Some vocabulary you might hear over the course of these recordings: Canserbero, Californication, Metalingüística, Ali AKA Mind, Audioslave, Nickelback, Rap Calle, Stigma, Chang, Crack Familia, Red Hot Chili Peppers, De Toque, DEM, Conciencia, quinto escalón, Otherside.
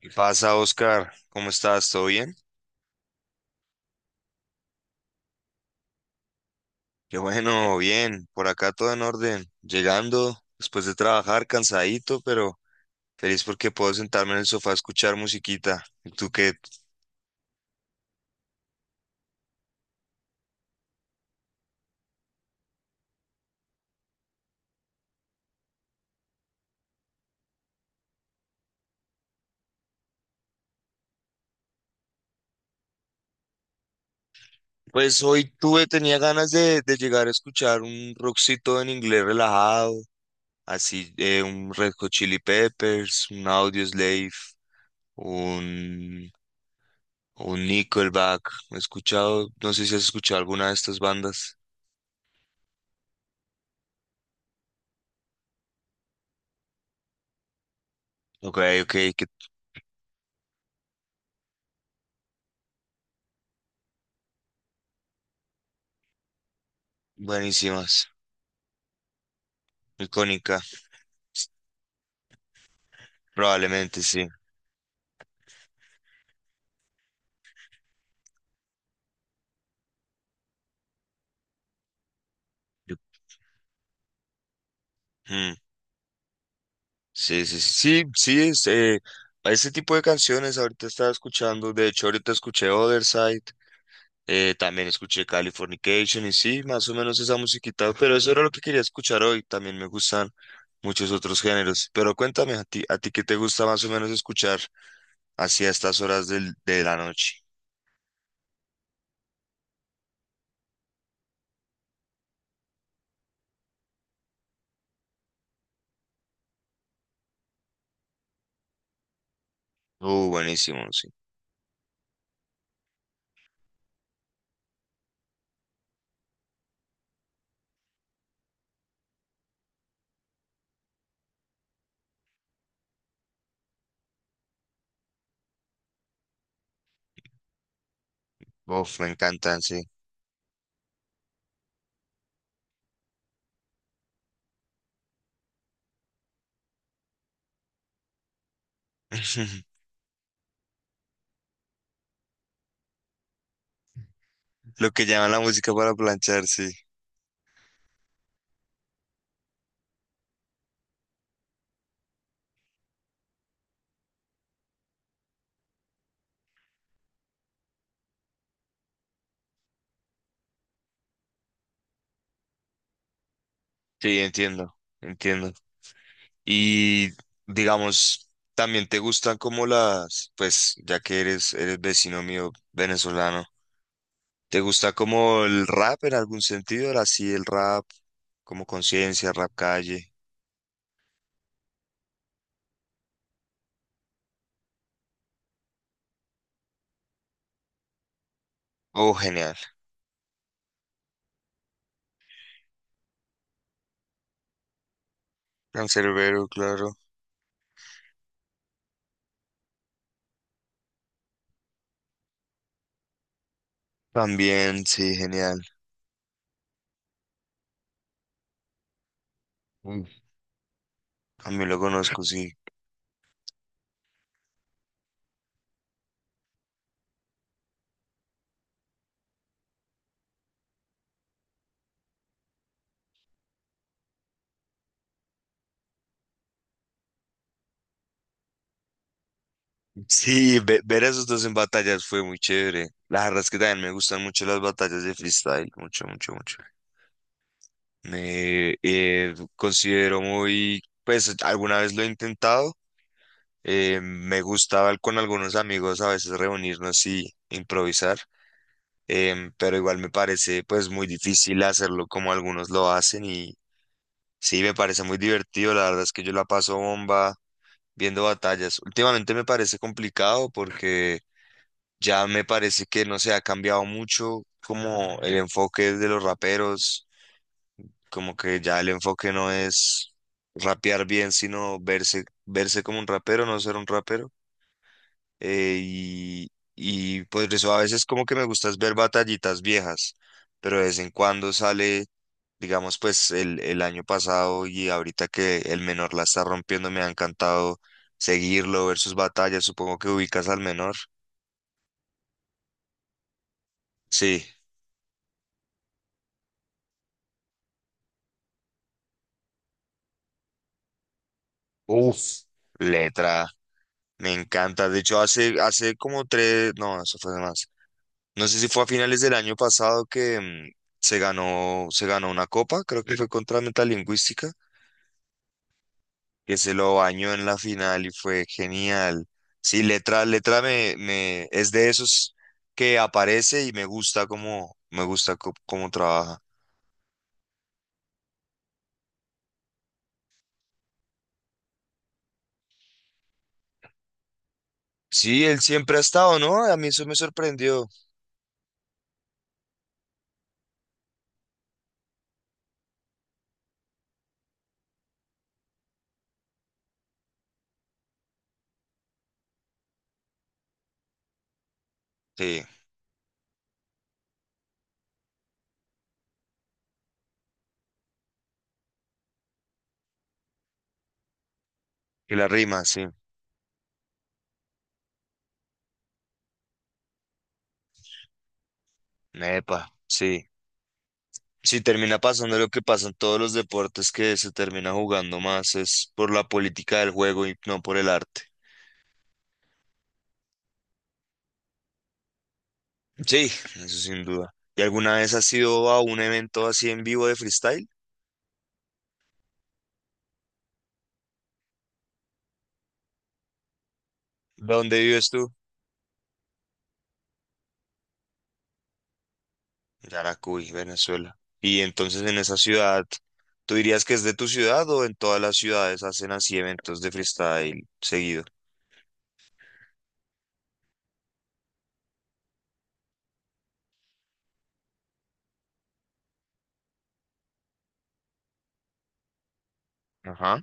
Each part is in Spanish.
¿Qué pasa, Oscar? ¿Cómo estás? ¿Todo bien? Qué bueno, bien. Por acá todo en orden. Llegando después de trabajar, cansadito, pero feliz porque puedo sentarme en el sofá a escuchar musiquita. ¿Y tú qué? Pues tenía ganas de llegar a escuchar un rockcito en inglés relajado, así un Red Hot Chili Peppers, un Audioslave, un, un Nickelback. He escuchado, no sé si has escuchado alguna de estas bandas. Ok, ok, qué buenísimas. Icónica, probablemente sí. Yo- mm, sí, sí, sí, sí, sí, ese tipo de canciones ahorita estaba escuchando. De hecho, ahorita escuché Otherside, también escuché Californication y sí, más o menos esa musiquita, pero eso era lo que quería escuchar hoy. También me gustan muchos otros géneros, pero cuéntame a ti qué te gusta más o menos escuchar así a estas horas de la noche. Buenísimo, sí. Uf, me encantan, sí. Lo que llaman la música para planchar, sí. Sí, entiendo, entiendo. Y digamos, también te gustan como las, pues ya que eres vecino mío venezolano, ¿te gusta como el rap en algún sentido? Así el rap, como Conciencia, Rap Calle. Oh, genial. Canserbero, claro. También, sí, genial. Mm. También lo conozco, sí. Sí, ver a esos dos en batallas fue muy chévere. La verdad es que también me gustan mucho las batallas de freestyle, mucho, mucho, mucho. Me considero muy, pues alguna vez lo he intentado. Eh, me gustaba con algunos amigos a veces reunirnos y improvisar, pero igual me parece pues muy difícil hacerlo como algunos lo hacen y sí, me parece muy divertido. La verdad es que yo la paso bomba viendo batallas. Últimamente me parece complicado porque ya me parece que no se ha cambiado mucho como el enfoque de los raperos, como que ya el enfoque no es rapear bien, sino verse, verse como un rapero, no ser un rapero. Eh, y, y pues eso a veces como que me gusta es ver batallitas viejas, pero de vez en cuando sale, digamos pues el año pasado y ahorita que el menor la está rompiendo, me ha encantado seguirlo, ver sus batallas. Supongo que ubicas al menor. Sí. Uf, Letra, me encanta. De hecho, hace como tres, no, eso fue de más. No sé si fue a finales del año pasado que se ganó una copa, creo que fue contra Metalingüística, que se lo bañó en la final y fue genial. Sí, Letra, Letra es de esos que aparece y me gusta cómo, me gusta cómo trabaja. Sí, él siempre ha estado, ¿no? A mí eso me sorprendió. Sí, y la rima, sí. Epa, sí. Sí, termina pasando lo que pasa en todos los deportes, que se termina jugando más es por la política del juego y no por el arte. Sí, eso sin duda. ¿Y alguna vez has ido a un evento así en vivo de freestyle? ¿De dónde vives tú? Yaracuy, Venezuela. Y entonces, en esa ciudad, ¿tú dirías que es de tu ciudad o en todas las ciudades hacen así eventos de freestyle seguido? Ajá.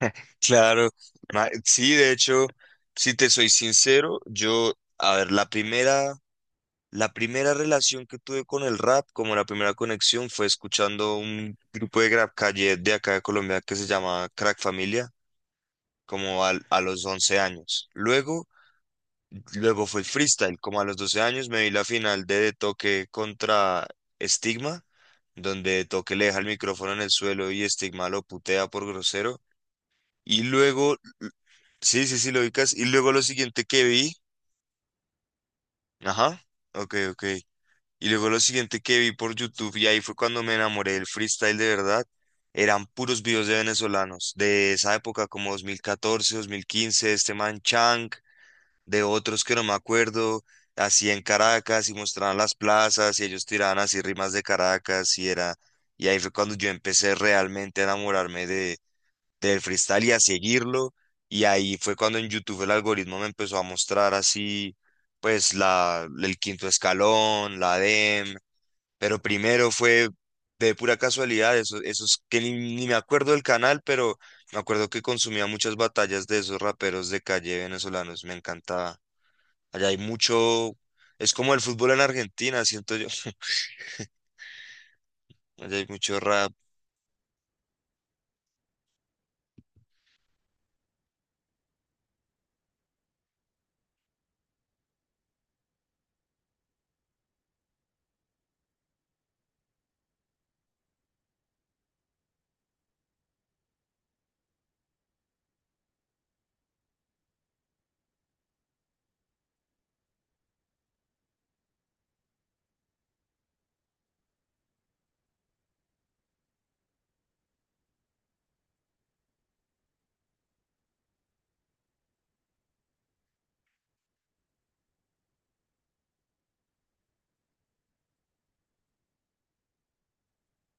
Claro, sí, de hecho, si te soy sincero, yo, a ver, la primera relación que tuve con el rap, como la primera conexión, fue escuchando un grupo de rap calle de acá de Colombia que se llama Crack Familia. Como a los 11 años. Luego fue el freestyle, como a los 12 años me vi la final de De Toque contra Stigma, donde De Toque le deja el micrófono en el suelo y Stigma lo putea por grosero. Y luego, sí, sí, sí, lo ubicas. Y luego lo siguiente que vi, ajá, ok, ok. Y luego lo siguiente que vi por YouTube, y ahí fue cuando me enamoré del freestyle de verdad, eran puros videos de venezolanos, de esa época como 2014, 2015, este man Chang, de otros que no me acuerdo, así en Caracas, y mostraban las plazas y ellos tiraban así rimas de Caracas y era, y ahí fue cuando yo empecé realmente a enamorarme de, del freestyle y a seguirlo, y ahí fue cuando en YouTube el algoritmo me empezó a mostrar así pues el quinto escalón, la DEM, pero primero fue de pura casualidad, eso, esos que ni me acuerdo del canal, pero me acuerdo que consumía muchas batallas de esos raperos de calle venezolanos, me encantaba. Allá hay mucho, es como el fútbol en Argentina, siento yo. Allá hay mucho rap.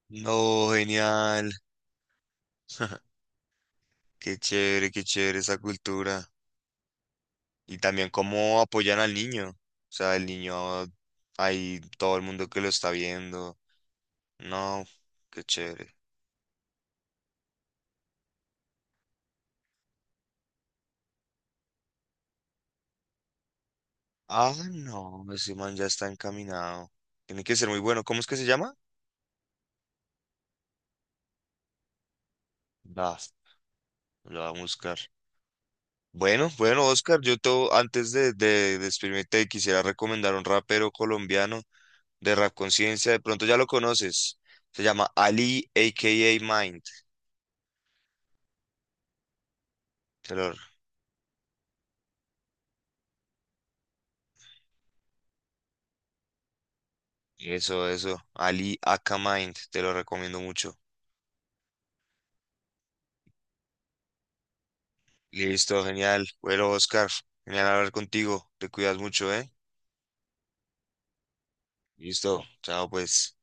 No, genial. Qué chévere esa cultura. Y también cómo apoyan al niño. O sea, el niño, hay todo el mundo que lo está viendo. No, qué chévere. Ah, no, ese man ya está encaminado. Tiene que ser muy bueno. ¿Cómo es que se llama? Da, lo va a buscar. Bueno, bueno, Oscar, yo antes de despedirme te quisiera recomendar un rapero colombiano de Rap Conciencia, de pronto ya lo conoces, se llama Ali AKA Mind, te lo- eso, eso, Ali aka Mind, te lo recomiendo mucho. Listo, genial, bueno, Oscar, genial hablar contigo, te cuidas mucho, ¿eh? Listo, chao pues.